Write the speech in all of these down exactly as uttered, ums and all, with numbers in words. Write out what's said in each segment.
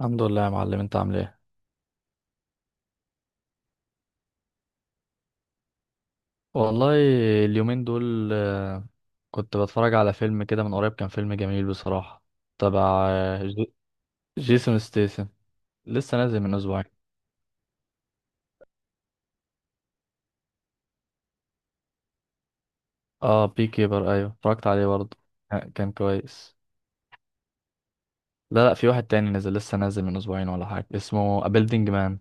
الحمد لله يا معلم، انت عامل ايه؟ والله اليومين دول آه، كنت بتفرج على فيلم كده من قريب، كان فيلم جميل بصراحة، تبع آه، ج- جيسون ستيسن. لسه نازل من اسبوعين. اه بي كيبر، ايوه اتفرجت عليه برضه، كان كان كويس. لا لا، في واحد تاني نزل، لسه نازل من اسبوعين ولا حاجة، اسمه A Building مان.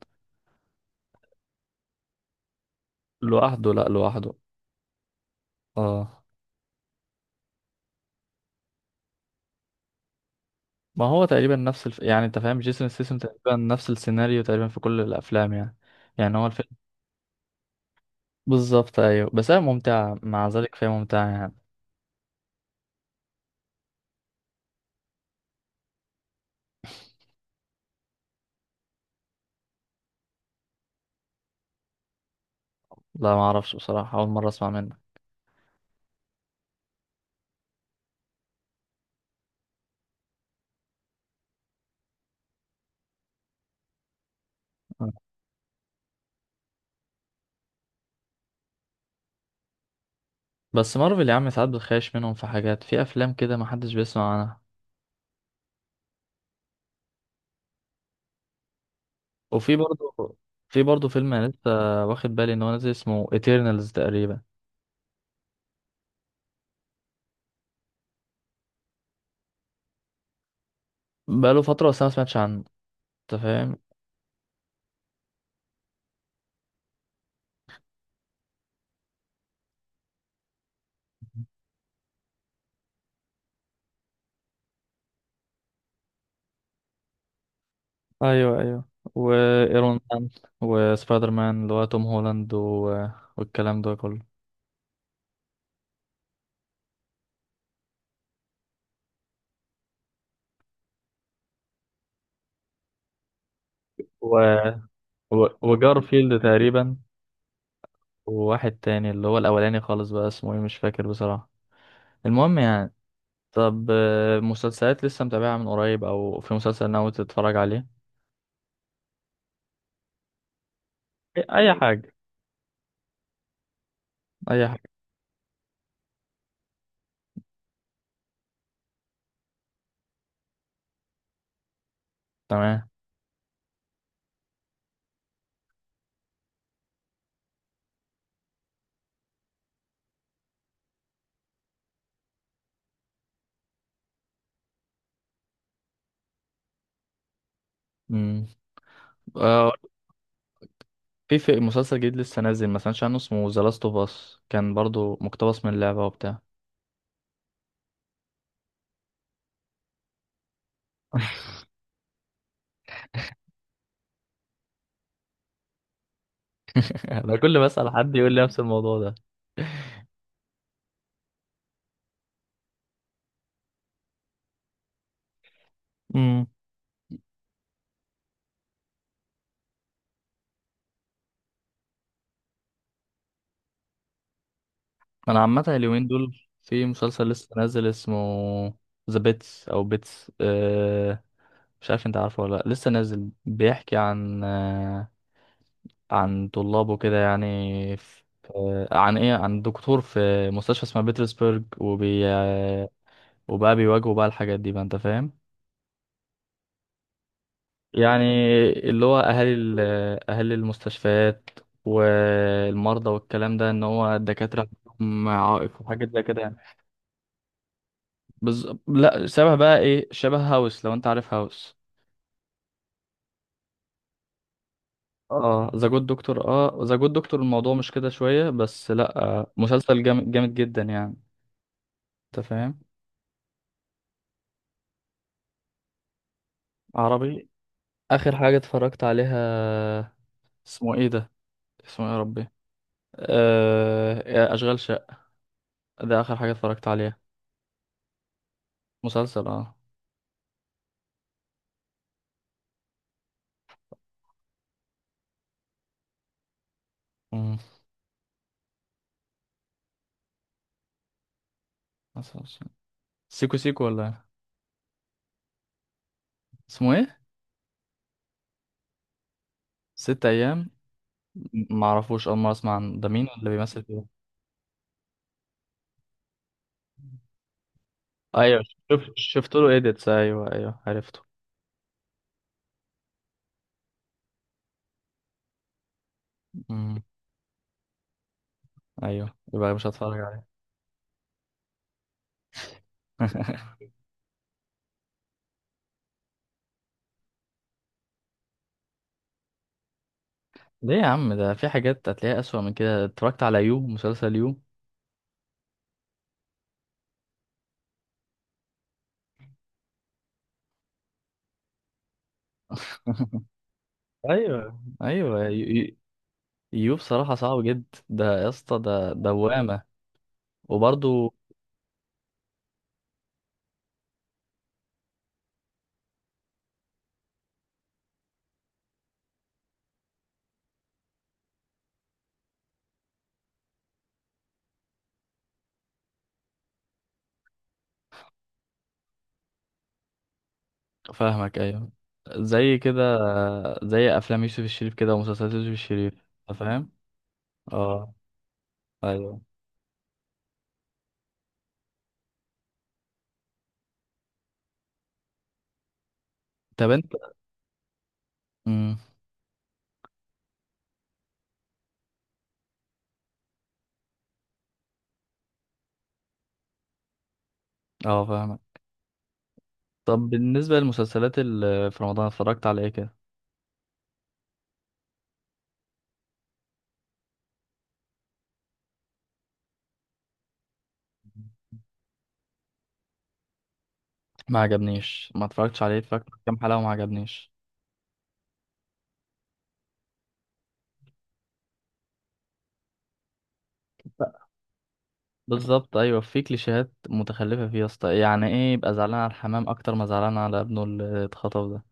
لوحده، لا لوحده. اه. ما هو تقريبا نفس الف... يعني انت فاهم، جيسون ستيسن تقريبا نفس السيناريو تقريبا في كل الافلام يعني. يعني هو الفيلم بالظبط، ايوه، بس هي ممتعة مع ذلك، فهي ممتعة يعني. لا، ما اعرفش بصراحة، اول مرة اسمع منك. آه. بس مارفل يا عم ساعات بتخيش منهم في حاجات، في افلام كده ما حدش بيسمع عنها. وفي برضه في برضه فيلم انا لسه واخد بالي ان هو نازل اسمه ايترنالز تقريبا. بقاله فترة بس انا ما سمعتش عنه، انت فاهم. ايوه ايوه، وايرون مان وسبايدر مان اللي هو توم هولاند و... والكلام ده كله. و... و... وجارفيلد تقريبا، وواحد تاني اللي هو الاولاني خالص، بقى اسمه ايه مش فاكر بصراحة، المهم يعني. طب آه، مسلسلات لسه متابعها من قريب، او في مسلسل ناوي تتفرج عليه؟ اي، أي حاجه، اي حاجه. تمام. امم. آه، في في مسلسل جديد لسه نازل، ما سمعتش عنه، اسمه ذا لاست اوف اس، كان برضو مقتبس من لعبه وبتاع. انا كل ما اسال حد يقول لي نفس الموضوع ده. امم. انا عامه اليومين دول في مسلسل لسه نازل، اسمه ذا بيتس او بيتس أه مش عارف انت عارفه ولا لا، لسه نازل، بيحكي عن آه، عن طلابه كده يعني، في عن ايه، عن دكتور في مستشفى اسمها بيترسبرج وبي وبقى بيواجهوا بقى الحاجات دي بقى، انت فاهم. يعني اللي هو اهالي ال- اهالي المستشفيات والمرضى والكلام ده، ان هو الدكاترة عندهم عائق وحاجات زي كده يعني. بز... لا، شبه بقى ايه، شبه هاوس لو انت عارف هاوس. اه ذا جود دكتور، اه ذا جود دكتور. الموضوع مش كده شوية بس، لا آه، مسلسل جامد جامد جدا يعني، انت فاهم. عربي. اخر حاجه اتفرجت عليها، اسمه ايه ده، اسمه ايه يا ربي؟ أه... اشغال شقه، ده اخر حاجه اتفرجت عليها. مسلسل، اه. مم. مسلسل سيكو سيكو ولا إيه؟ اسمه ايه، ست ايام. م- معرفوش، اول مره اسمع عن ده، مين اللي بيمثل فيه؟ ايوه، شفت شفت له ايديتس، ايوه ايوه عرفته. مم. ايوه، يبقى مش هتفرج عليه. ليه يا عم، ده في حاجات هتلاقيها اسوأ من كده، اتفرجت على يو، مسلسل يو. ايوه ايوه. يو بصراحة صعب جدا، ده يا اسطى ده دوامة. وبرضه. فاهمك، أيوه، زي كده، زي أفلام يوسف الشريف كده ومسلسلات يوسف الشريف، أنت فاهم؟ اه. أيوه. طب أنت. مم. اه فاهمك. طب بالنسبة للمسلسلات اللي في رمضان، اتفرجت على إيه كده؟ ما عجبنيش، ما اتفرجتش عليه، اتفرجت على كام حلقة وما عجبنيش. بالظبط أيوه، في كليشيهات متخلفة فيه يا اسطى. يعني إيه يبقى زعلان على الحمام أكتر ما زعلان على ابنه اللي اتخطف ده؟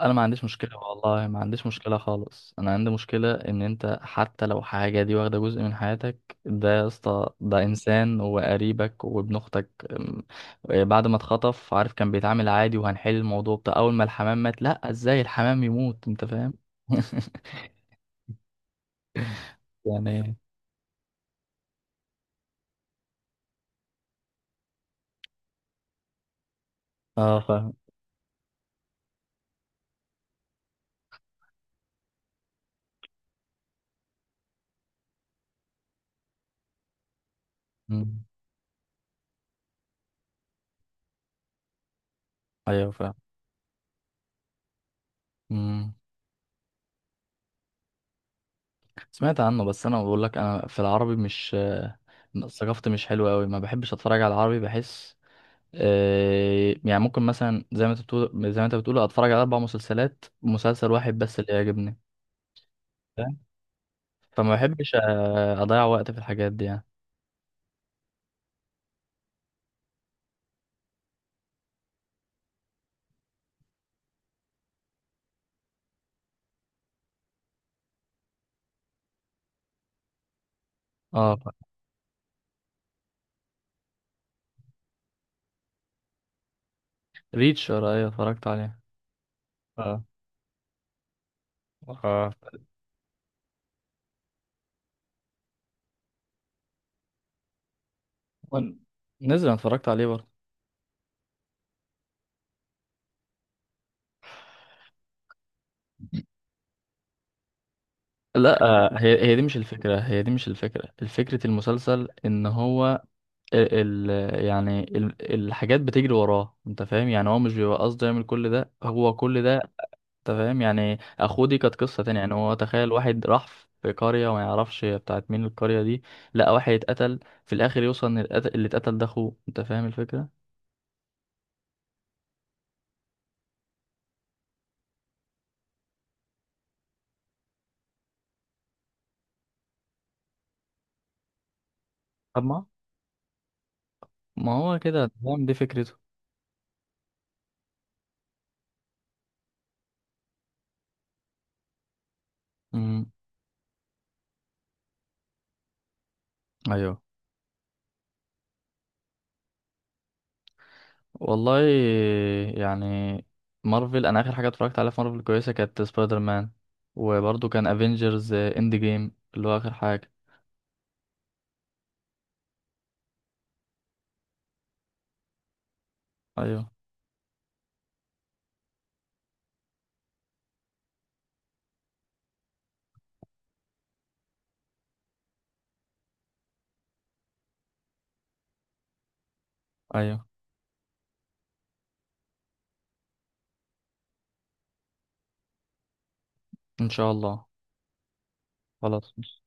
انا ما عنديش مشكله والله، ما عنديش مشكله خالص. انا عندي مشكله ان انت حتى لو حاجه دي واخده جزء من حياتك، ده يا اسطى ده انسان وقريبك وابن اختك. أم، بعد ما اتخطف، عارف كان بيتعامل عادي وهنحل الموضوع بتاع، اول ما الحمام مات، لا ازاي الحمام يموت، انت فاهم. يعني اه فاهم. مم. ايوه فاهم. مم. سمعت عنه، بس انا بقول لك انا في العربي مش آه، ثقافتي مش حلوه قوي، ما بحبش اتفرج على العربي، بحس آه، يعني ممكن مثلا زي ما انت بتقول، زي ما انت بتقول اتفرج على اربع مسلسلات، مسلسل واحد بس اللي يعجبني، فاهم. فما بحبش آه، اضيع وقت في الحاجات دي يعني. اه ريتشر، ايوه اتفرجت عليه. اه. اه وال- نزل، أنا اتفرجت عليه برضه. لا آه، هي هي دي مش الفكرة، هي دي مش الفكرة. فكرة المسلسل ان هو ال ال- يعني ال- الحاجات بتجري وراه، انت فاهم، يعني هو مش بيبقى قصده يعمل كل ده، هو كل ده انت فاهم، يعني اخوه دي كانت قصه تانية. يعني هو تخيل، واحد راح في قريه وما يعرفش هي بتاعت مين القريه دي، لقى واحد اتقتل، في الاخر يوصل ان القتل- اللي اتقتل ده اخوه، انت فاهم الفكره. طب ما ما هو كده انت فاهم، دي فكرته. امم. ايوه. والله يعني، مارفل انا اخر حاجه اتفرجت عليها في مارفل كويسه كانت سبايدر مان، وبرضه كان افنجرز اند جيم اللي هو اخر حاجه. ايوه ايوه. ان شاء الله. خلاص.